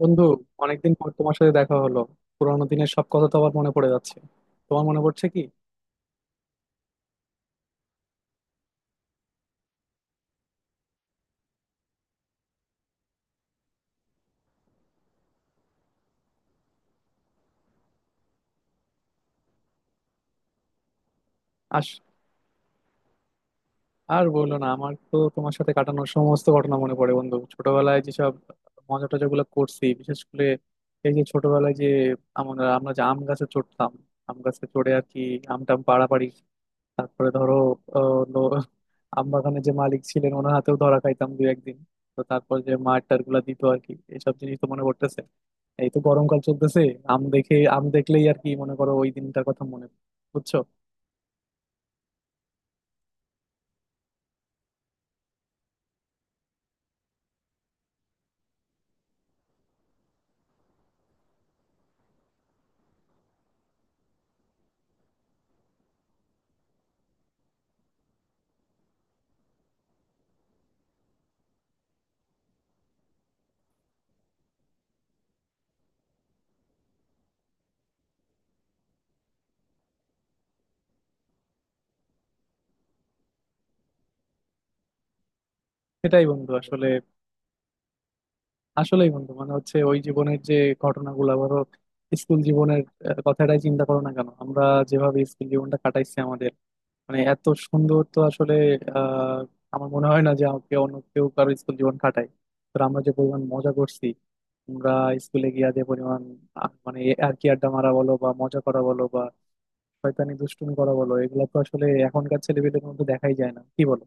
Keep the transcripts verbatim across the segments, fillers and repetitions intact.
বন্ধু, অনেকদিন পর তোমার সাথে দেখা হলো। পুরানো দিনের সব কথা তো আবার মনে পড়ে যাচ্ছে। তোমার মনে পড়ছে কি? আস আর বললো না, আমার তো তোমার সাথে কাটানোর সমস্ত ঘটনা মনে পড়ে বন্ধু। ছোটবেলায় যেসব মজা টজা গুলো করছি, বিশেষ করে এই যে ছোটবেলায় যে আমরা আমরা যে আম গাছে চড়তাম, আম গাছে চড়ে আর কি আম টাম পাড়াপাড়ি। তারপরে ধরো, আহ, লো- আমবাগানে যে মালিক ছিলেন ওনার হাতেও ধরা খাইতাম দু একদিন। তো তারপর যে মার টার গুলা দিত আর কি, এসব জিনিস তো মনে পড়তেছে। এই তো গরমকাল চলতেছে, আম দেখে আম দেখলেই আর কি, মনে করো ওই দিনটার কথা মনে পড়ে। বুঝছো? সেটাই বন্ধু, আসলে আসলেই বন্ধু, মানে হচ্ছে ওই জীবনের যে ঘটনাগুলো ধরো, স্কুল জীবনের আহ, কথাটাই চিন্তা করো না কেন, আমরা যেভাবে স্কুল জীবনটা কাটাইছি আমাদের, মানে এত সুন্দর তো আসলে আহ আমার মনে হয় না যে আমাকে অন্য কেউ কারো স্কুল জীবন কাটায়। তো আমরা যে পরিমাণ মজা করছি, আমরা স্কুলে গিয়া যে পরিমাণ আহ, মানে আর কি আড্ডা মারা বলো বা মজা করা বলো বা শয়তানি দুষ্টুমি করা বলো, এগুলো তো আসলে এখনকার ছেলেপেলের মধ্যে দেখাই যায় না। কি বলো?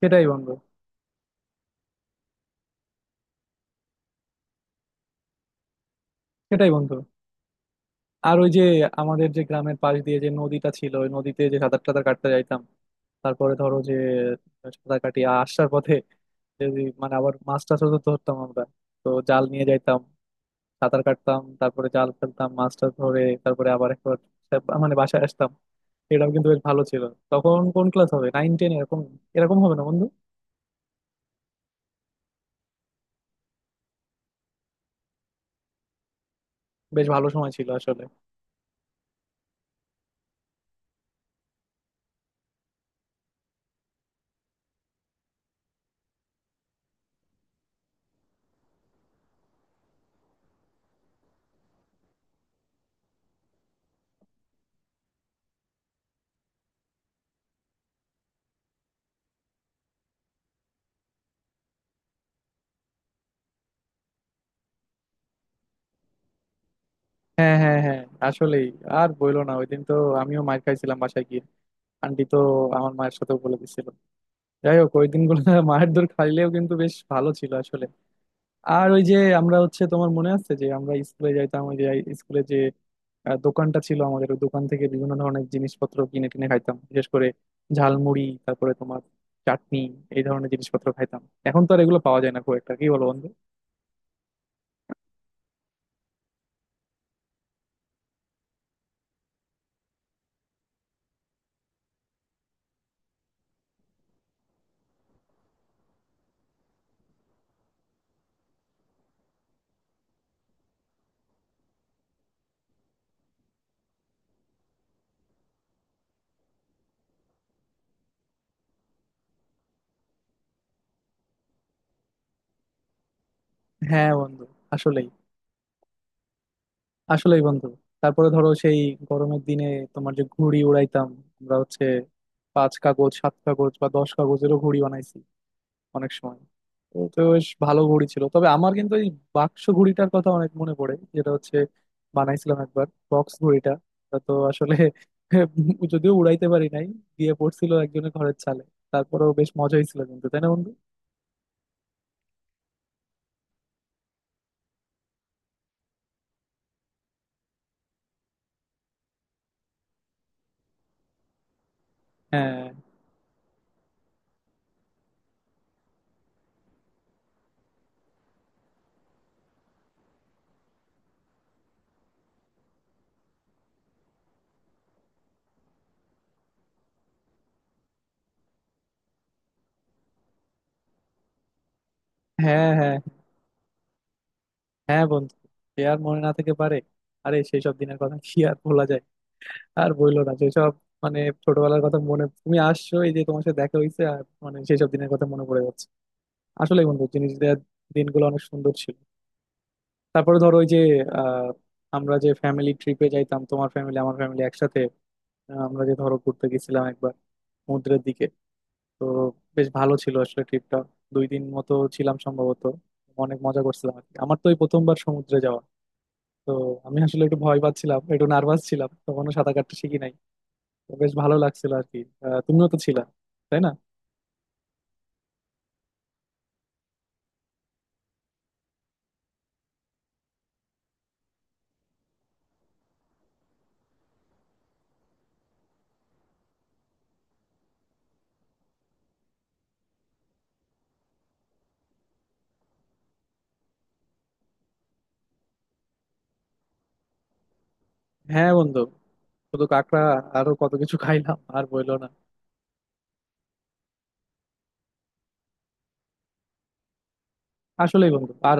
সেটাই বন্ধু। সেটাই বন্ধু। আর ওই যে আমাদের যে গ্রামের পাশ দিয়ে যে নদীটা ছিল, ওই নদীতে যে সাঁতার টাতার কাটতে যাইতাম। তারপরে ধরো যে সাঁতার কাটিয়ে আসার পথে যদি মানে আবার মাছ টাছও তো ধরতাম আমরা। তো জাল নিয়ে যাইতাম, সাঁতার কাটতাম, তারপরে জাল ফেলতাম মাছ টাছ ধরে, তারপরে আবার একবার সে- মানে বাসায় আসতাম। এটাও কিন্তু বেশ ভালো ছিল। তখন কোন ক্লাস হবে, নাইন টেন এরকম এরকম হবে না বন্ধু? বেশ ভালো সময় ছিল আসলে। হ্যাঁ হ্যাঁ হ্যাঁ, আসলেই। আর বইলো না, ওই দিন তো আমিও মার খাইছিলাম বাসায় গিয়ে। আন্টি তো আমার মায়ের সাথেও বলে দিছিল। যাই হোক, ওই দিনগুলো মায়ের দৌড় খাইলেও কিন্তু বেশ ভালো ছিল আসলে। আর ওই যে আমরা হচ্ছে, তোমার মনে আছে যে আমরা স্কুলে যাইতাম, ওই যে স্কুলে যে আহ, দোকানটা ছিল আমাদের, ওই দোকান থেকে বিভিন্ন ধরনের জিনিসপত্র কিনে কিনে খাইতাম, বিশেষ করে ঝালমুড়ি, তারপরে তোমার চাটনি, এই ধরনের জিনিসপত্র খাইতাম। এখন তো আর এগুলো পাওয়া যায় না খুব একটা, কি বলো বন্ধু? হ্যাঁ বন্ধু, আসলেই। আসলেই বন্ধু, তারপরে ধরো সেই গরমের দিনে তোমার যে ঘুড়ি উড়াইতাম আমরা, হচ্ছে পাঁচ কাগজ সাত কাগজ বা দশ কাগজেরও ঘুড়ি বানাইছি অনেক সময়। তো তো বেশ ভালো ঘুড়ি ছিল, তবে আমার কিন্তু এই বাক্স ঘুড়িটার কথা অনেক মনে পড়ে, যেটা হচ্ছে বানাইছিলাম একবার বক্স ঘুড়িটা। তা তো আসলে যদিও উড়াইতে পারি নাই, দিয়ে পড়ছিল একজনের ঘরের চালে। তারপরেও বেশ মজা হয়েছিল কিন্তু, তাই না বন্ধু? হ্যাঁ হ্যাঁ হ্যাঁ। হ্যাঁ বন্ধু, সে আর মনে না থেকে পারে? আরে সেই সব দিনের কথা কি আর ভোলা যায়? আর বইলো না সেসব, মানে ছোটবেলার কথা মনে, তুমি আসছো এই যে তোমার সাথে দেখা হয়েছে, আর মানে সেসব দিনের কথা মনে পড়ে যাচ্ছে। আসলে বন্ধু, জিনিসটা দিনগুলো অনেক সুন্দর ছিল। তারপরে ধরো ওই যে আহ, আমরা যে ফ্যামিলি ট্রিপে যাইতাম তোমার ফ্যামিলি আমার ফ্যামিলি একসাথে, আহ, আমরা যে ধরো ঘুরতে গেছিলাম একবার সমুদ্রের দিকে। তো বেশ ভালো ছিল আসলে ট্রিপটা। দুই দিন মতো ছিলাম সম্ভবত, অনেক মজা করছিলাম আর কি। আমার তো এই প্রথমবার সমুদ্রে যাওয়া, তো আমি আসলে একটু ভয় পাচ্ছিলাম, একটু নার্ভাস ছিলাম, তখনও সাঁতার কাটতে শিখি নাই। তো বেশ ভালো লাগছিল আর কি। আহ, তুমিও তো ছিলা, তাই না? হ্যাঁ বন্ধু, শুধু কাঁকড়া আরো কত কিছু খাইলাম, আর বইলো না। আসলেই বন্ধু। আর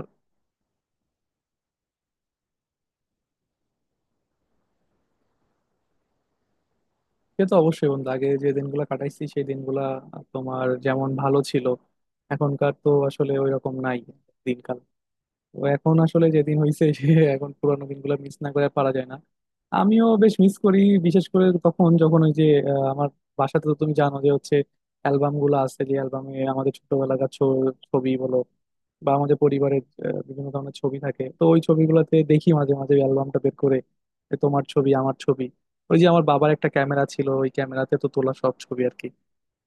সে তো অবশ্যই বন্ধু, আগে যে দিনগুলো কাটাইছি সেই দিনগুলা তোমার যেমন ভালো ছিল, এখনকার তো আসলে ওই রকম নাই দিনকাল। তো এখন আসলে যেদিন হয়েছে সে, এখন পুরানো দিনগুলো মিস না করে আর পারা যায় না। আমিও বেশ মিস করি, বিশেষ করে তখন যখন ওই যে আহ, আমার বাসাতে তো তুমি জানো যে হচ্ছে অ্যালবাম গুলো আছে, যে অ্যালবামে আমাদের ছোটবেলাকার ছ- ছবি বলো বা আমাদের পরিবারের আহ, বিভিন্ন ধরনের ছবি থাকে। তো ওই ছবিগুলোতে দেখি মাঝে মাঝে অ্যালবামটা বের করে যে তোমার ছবি আমার ছবি। ওই যে আমার বাবার একটা ক্যামেরা ছিল, ওই ক্যামেরাতে তো তোলা সব ছবি আর কি।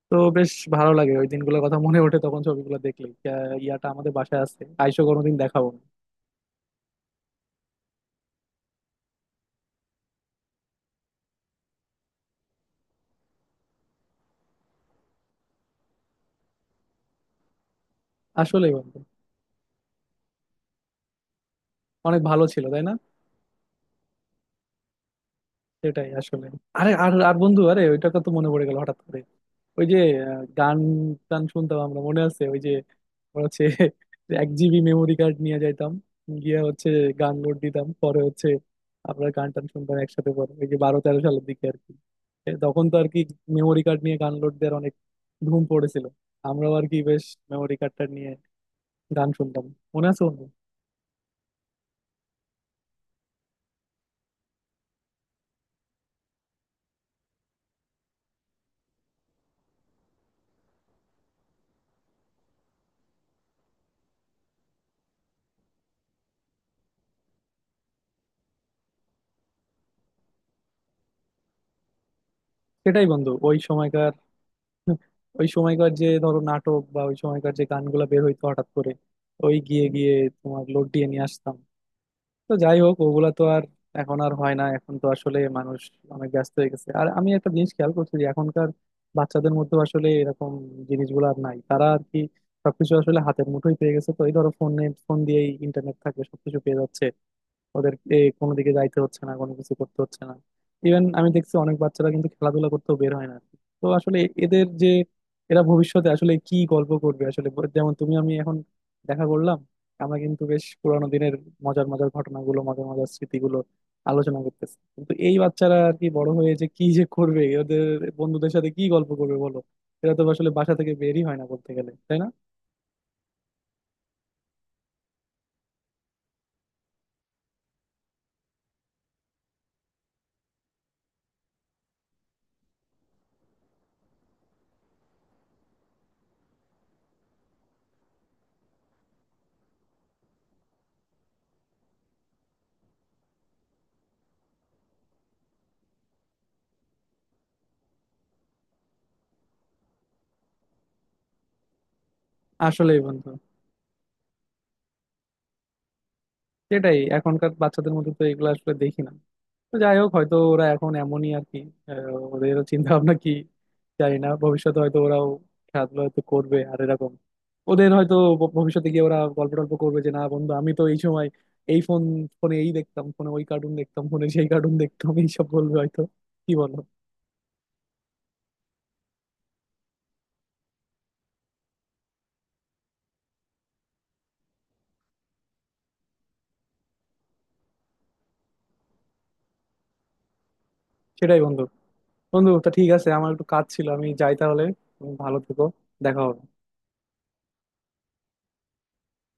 তো বেশ ভালো লাগে ওই দিনগুলোর কথা মনে ওঠে তখন ছবিগুলো দেখলে। আহ, ইয়াটা আমাদের বাসায় আছে, আইসো কোনোদিন দেখাবো। আসলে বন্ধু, অনেক ভালো ছিল তাই না? সেটাই আসলে। আরে আর আর বন্ধু, আরে ওইটা তো মনে পড়ে গেল হঠাৎ করে, ওই যে আহ, গান টান শুনতাম আমরা, মনে আছে? ওই যে আমরা হচ্ছে এক জিবি মেমোরি কার্ড নিয়ে যাইতাম, গিয়ে হচ্ছে গান লোড দিতাম, পরে হচ্ছে আমরা গান টান শুনতাম একসাথে। পরে ওই যে বারো তেরো সালের দিকে আর কি, এ, তখন তো আর কি মেমোরি কার্ড নিয়ে গান লোড দেওয়ার অনেক ধুম পড়েছিল। আমরাও আর কি বেশ মেমোরি কার্ডটা নিয়ে গান শুনতাম, মনে আছে বন্ধু? সেটাই বন্ধু, ওই সময়কার, ওই সময়কার যে ধরো নাটক বা ওই সময়কার যে গানগুলা বের হইতো হঠাৎ করে, ওই গিয়ে গিয়ে তোমার লোড দিয়ে নিয়ে আসতাম। তো যাই হোক ওগুলা তো আর এখন আর হয় না। এখন তো আসলে মানুষ অনেক ব্যস্ত হয়ে গেছে। আর আমি একটা জিনিস খেয়াল করছি যে এখনকার বাচ্চাদের মধ্যে আসলে এরকম জিনিসগুলো আর নাই। তারা আর কি সবকিছু আসলে হাতের মুঠোয় পেয়ে গেছে, তো এই ধরো ফোনে ফোন দিয়েই ইন্টারনেট থাকে, সবকিছু পেয়ে যাচ্ছে। ওদের এ কোনো দিকে যাইতে হচ্ছে না, কোনো কিছু করতে হচ্ছে না। ইভেন আমি দেখছি অনেক বাচ্চারা কিন্তু খেলাধুলা করতেও বের হয় না। তো আসলে এদের যে, এরা ভবিষ্যতে আসলে কি গল্প করবে আসলে, ব- যেমন তুমি আমি এখন দেখা করলাম, আমরা কিন্তু বেশ পুরানো দিনের মজার মজার ঘটনাগুলো, মজার মজার স্মৃতিগুলো আলোচনা করতেছি, কিন্তু এই বাচ্চারা আর কি বড় হয়ে যে কি যে করবে, ওদের বন্ধুদের সাথে কি গল্প করবে বলো? এরা তো আসলে বাসা থেকে বেরই হয় না বলতে গেলে, তাই না? আসলেই বন্ধু। সেটাই, এখনকার বাচ্চাদের মধ্যে তো এগুলো আসলে দেখি না। তো যাই হোক হয়তো ওরা এখন এমনই আর কি। আহ, ওদের চিন্তা ভাবনা কি জানি না, ভবিষ্যতে হয়তো ওরাও খেলাধুলা হয়তো করবে আর এরকম ওদের হয়তো ভ- ভবিষ্যতে গিয়ে ওরা গল্প টল্প করবে যে না বন্ধু, আমি তো এই সময় এই ফোন, ফোনে এই দেখতাম, ফোনে ওই কার্টুন দেখতাম, ফোনে সেই কার্টুন দেখতাম, এইসব বলবে হয়তো। কি বলো? সেটাই বন্ধু। বন্ধু তা ঠিক আছে, আমার একটু কাজ ছিল, আমি যাই তাহলে। তুমি ভালো থেকো, দেখা হবে।